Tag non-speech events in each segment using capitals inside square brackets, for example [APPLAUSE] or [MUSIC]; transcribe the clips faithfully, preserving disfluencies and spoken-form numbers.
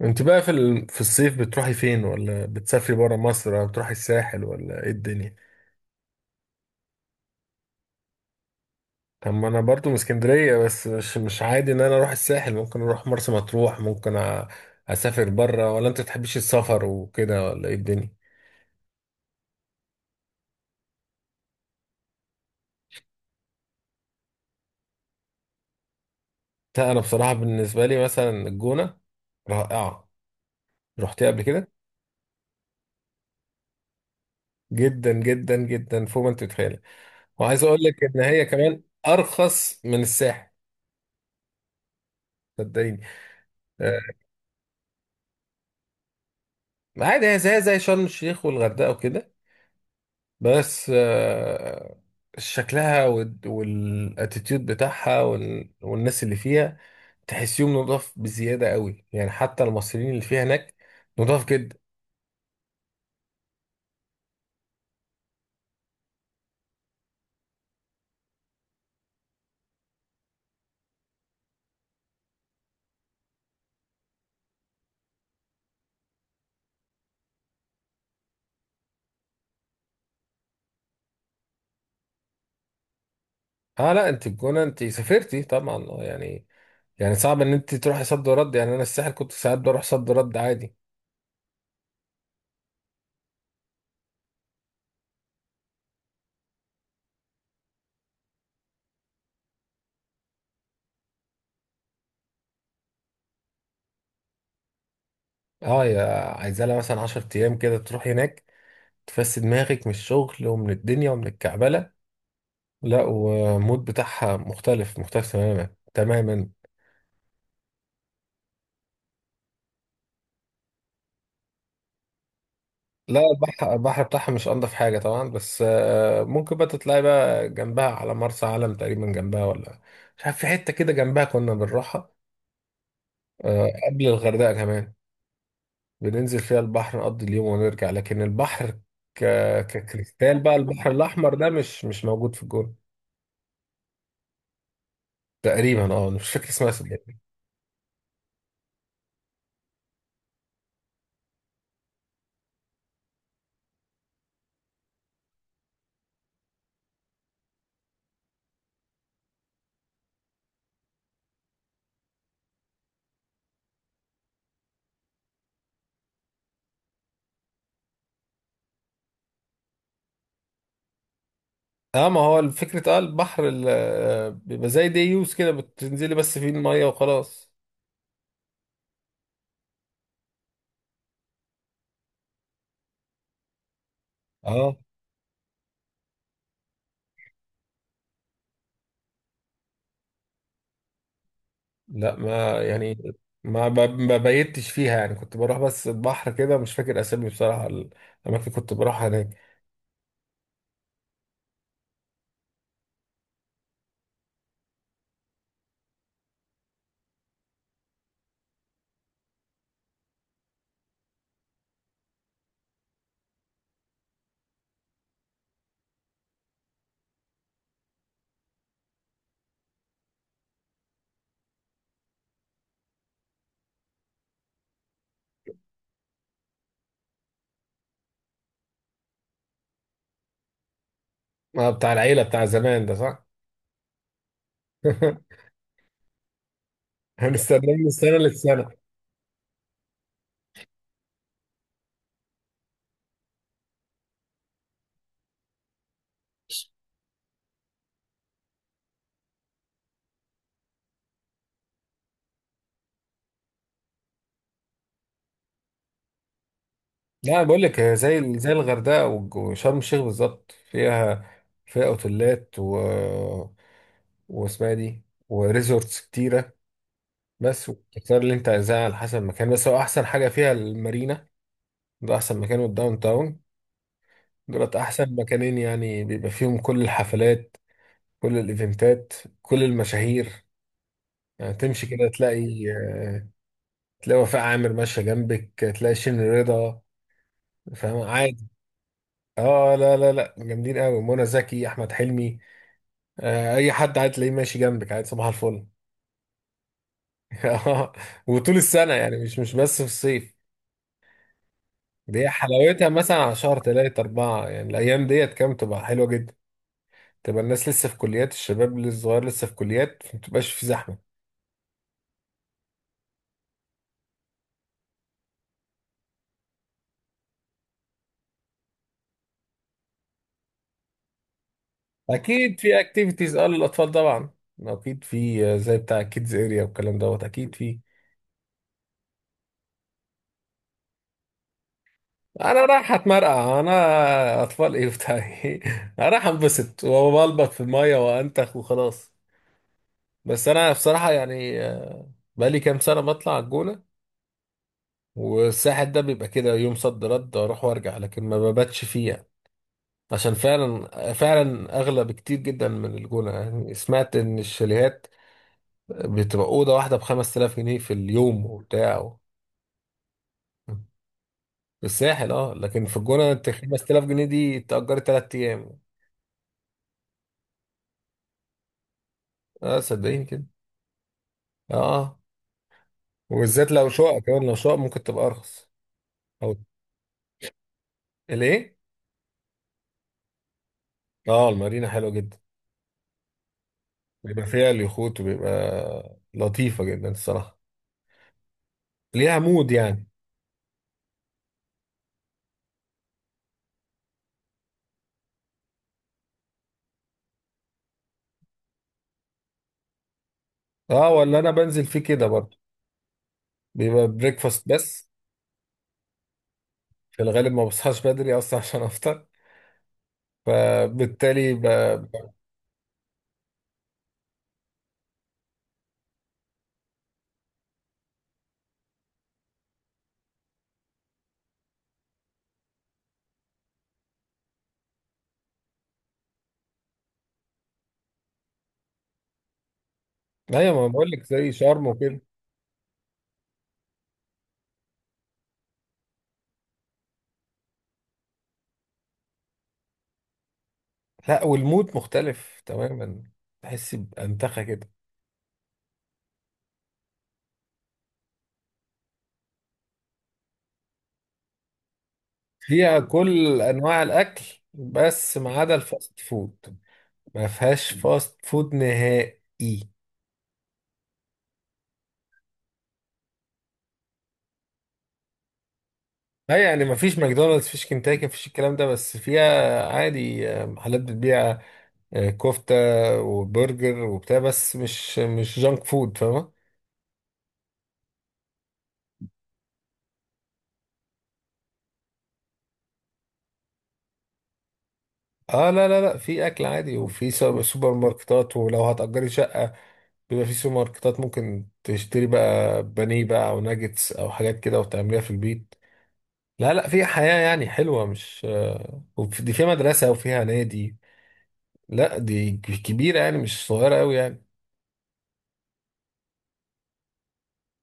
انت بقى في ال- في الصيف بتروحي فين، ولا بتسافري برا مصر، ولا بتروحي الساحل، ولا ايه الدنيا؟ طب ما انا برضو من اسكندريه، بس مش مش عادي ان انا اروح الساحل. ممكن اروح مرسى مطروح، ممكن أ- اسافر برا. ولا انت بتحبيش السفر وكده، ولا ايه الدنيا؟ لا انا بصراحه بالنسبه لي مثلا الجونه رائعه. رحتيها قبل كده؟ جدا جدا جدا، فوق ما انت تتخيلي. وعايز اقول لك ان هي كمان ارخص من الساحل. صدقيني. آه، عادي، هي زي زي شرم الشيخ والغردقه وكده، بس آه، شكلها والاتيتيود بتاعها وال- والناس اللي فيها، تحسيهم نضاف بزيادة قوي، يعني حتى المصريين اللي فيها هناك نضاف جدا. اه لا، انت الجونة انت سافرتي طبعا، آه، يعني يعني صعب ان انت تروحي صد ورد. يعني انا الساحل كنت ساعات بروح صد ورد عادي. اه يا، عايزة لها مثلا عشر ايام كده، تروح هناك تفسد دماغك من الشغل ومن الدنيا ومن الكعبلة. لا، والمود بتاعها مختلف، مختلف تماما تماما. لا، البحر، البحر بتاعها مش انضف حاجه طبعا، بس آه، ممكن بقى تطلعي بقى جنبها على مرسى علم، تقريبا جنبها، ولا مش عارف، في حته كده جنبها كنا بنروحها، آه، قبل الغردقه كمان. بننزل فيها البحر، نقضي اليوم ونرجع، لكن البحر ك... ككريستال بقى. البحر الاحمر ده مش مش موجود في الجون. تقريبا، اه، مش فاكر اسمها صدقني. اه، ما هو فكره، اه، البحر ال- آه، بيبقى زي دي يوز كده، بتنزلي بس فيه الميه وخلاص. اه لا، ما يعني ما ب- ما بيتش فيها، يعني كنت بروح بس البحر كده، مش فاكر اسامي بصراحة الاماكن اللي كنت بروحها هناك. ما بتاع العيلة بتاع زمان ده، صح؟ [LAUGHS] هنستناه من السنة للسنة. لا، بقول لك، هي زي ال- زي الغردقة والج- وشرم الشيخ بالظبط. فيها، فيها اوتيلات، و واسمها إيه دي، وريزورتس كتيرة. بس تختار اللي انت عايزاه على حسب المكان. بس هو احسن حاجة فيها المارينا، ده احسن مكان، والداون تاون. دولت احسن مكانين، يعني بيبقى فيهم كل الحفلات، كل الايفنتات، كل المشاهير. يعني تمشي كده تلاقي، آه، تلاقي وفاء عامر ماشيه جنبك، تلاقي شين رضا، فاهم؟ عادي. اه لا لا لا، جامدين قوي، منى زكي، احمد حلمي، آه، اي حد عادي تلاقيه ماشي جنبك، عادي، صباح الفل. [LAUGHS] آه، وطول السنه يعني، مش مش بس في الصيف. دي حلاوتها مثلا على شهر تلاتة أربعة، يعني الأيام ديت كام تبقى حلوة جدا. تبقى الناس لسه في كليات، الشباب الصغير لسه في كليات، ما تبقاش في زحمة. اكيد في اكتيفيتيز، اه، للاطفال طبعا. اكيد في، آه، زي بتاع كيدز اريا والكلام دوت، اكيد في. انا رايح اتمرقع، انا اطفال ايه بتاع ايه؟ [LAUGHS] انا رايح انبسط وبلبط في الميه وانتخ وخلاص. بس انا بصراحه يعني، آه، بقالي كام سنه بطلع على الجونه، والساحل ده بيبقى كده يوم صد رد، اروح وارجع، لكن ما بباتش فيه يعني. عشان فعلا فعلا اغلى بكتير جدا من الجونه. يعني سمعت ان الشاليهات بتبقى اوضه واحده ب خمسة آلاف جنيه في اليوم وبتاع الساحل، اه، لكن في الجونة انت خمستلاف جنيه دي تأجري تلات أيام. اه، صدقيني كده. اه، آه. وبالذات لو شقة، كمان لو شقة ممكن تبقى أرخص. أو الإيه؟ اه، المارينا حلوة جدا، بيبقى فيها اليخوت، وبيبقى لطيفة جدا الصراحة. ليها مود يعني. اه، ولا أنا بنزل فيه كده برضه. بيبقى بريكفاست بس. في الغالب ما بصحاش بدري أصلا [LAUGHS] عشان أفطر، فبالتالي ب... ب- أيوة، ما بقول لك زي شرم وكده. لا، والمود مختلف تماما، تحس بأنتخة كده. فيها كل انواع الاكل، بس ما عدا الفاست فود. ما فيهاش فاست فود نهائي. لا، يعني ما فيش ماكدونالدز، فيش كنتاكي، ما فيش الكلام ده، بس فيها عادي، آه، محلات بتبيع، آه، كفتة وبرجر وبتاع، بس مش مش جانك فود، فاهمة؟ اه لا لا لا، في اكل عادي، وفي سو- سوبر ماركتات. ولو هتأجري شقة، بيبقى في سوبر ماركتات، ممكن تشتري بقى بانيه بقى او ناجتس او حاجات كده، وتعمليها في البيت. لا لا، في حياة يعني حلوة، مش آه، وف- دي فيها مدرسة وفيها نادي. لا، دي ك- كبيرة يعني، مش صغيرة أوي يعني.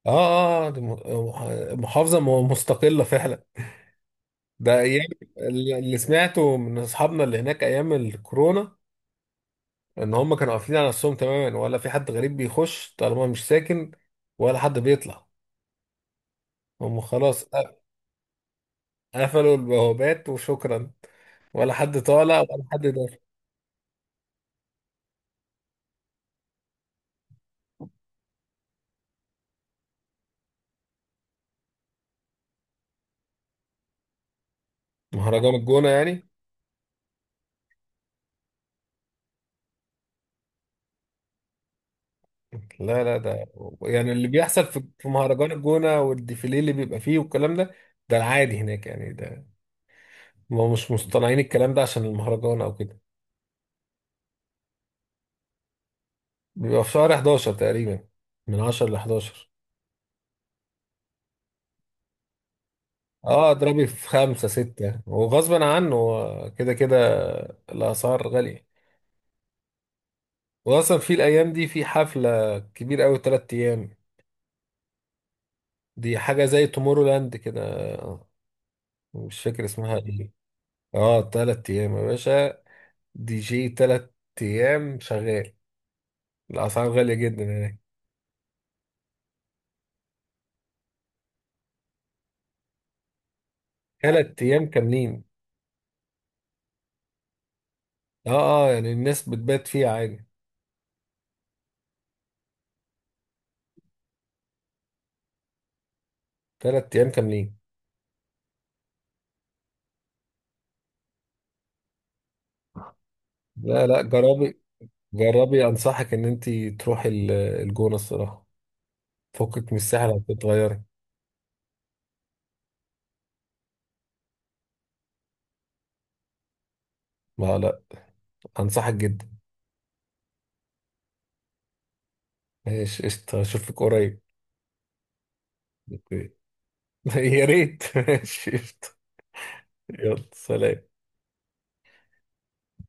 اه اه، آه، دي م- مح- محافظة م- مستقلة فعلا. ده أيام، اللي اللي سمعته من أصحابنا اللي هناك أيام الكورونا، إن هم كانوا قافلين على نفسهم تماما، ولا في حد غريب بيخش طالما مش ساكن، ولا حد بيطلع. هم خلاص ق- قفلوا البوابات وشكرا، ولا حد طالع ولا حد داخل. مهرجان الجونة يعني؟ لا لا، ده يعني اللي بيحصل في في مهرجان الجونة، والديفيليه اللي بيبقى فيه والكلام ده، ده العادي هناك يعني، ده ما مش مصطنعين الكلام ده عشان المهرجان او كده. بيبقى في شهر أحد عشر تقريبا، من عشرة ل أحد عشر. اه، اضربي في خمسة ستة، وغصبا عنه هو كده كده الاسعار غالية. واصلا في الايام دي في حفلة كبيرة قوي تلات ايام، دي حاجة زي تومورو لاند كده، مش فاكر اسمها ايه. اه، تلات ايام يا باشا، دي جي تلات أيام شغال، الأسعار غالية جدا هناك. تلات أيام كاملين. اه اه، يعني الناس بتبات فيها عادي. تلات أيام كاملين. لا لا، جربي، جربي أنصحك إن أنت تروحي ال- الجونة الصراحة، فكك من الساحل هتتغيري. لا لا، أنصحك جدا. ماشي قشطة، أشوفك قريب. أوكي. [LAUGHS] يا ريت، ماشي قشطة. يلا سلام.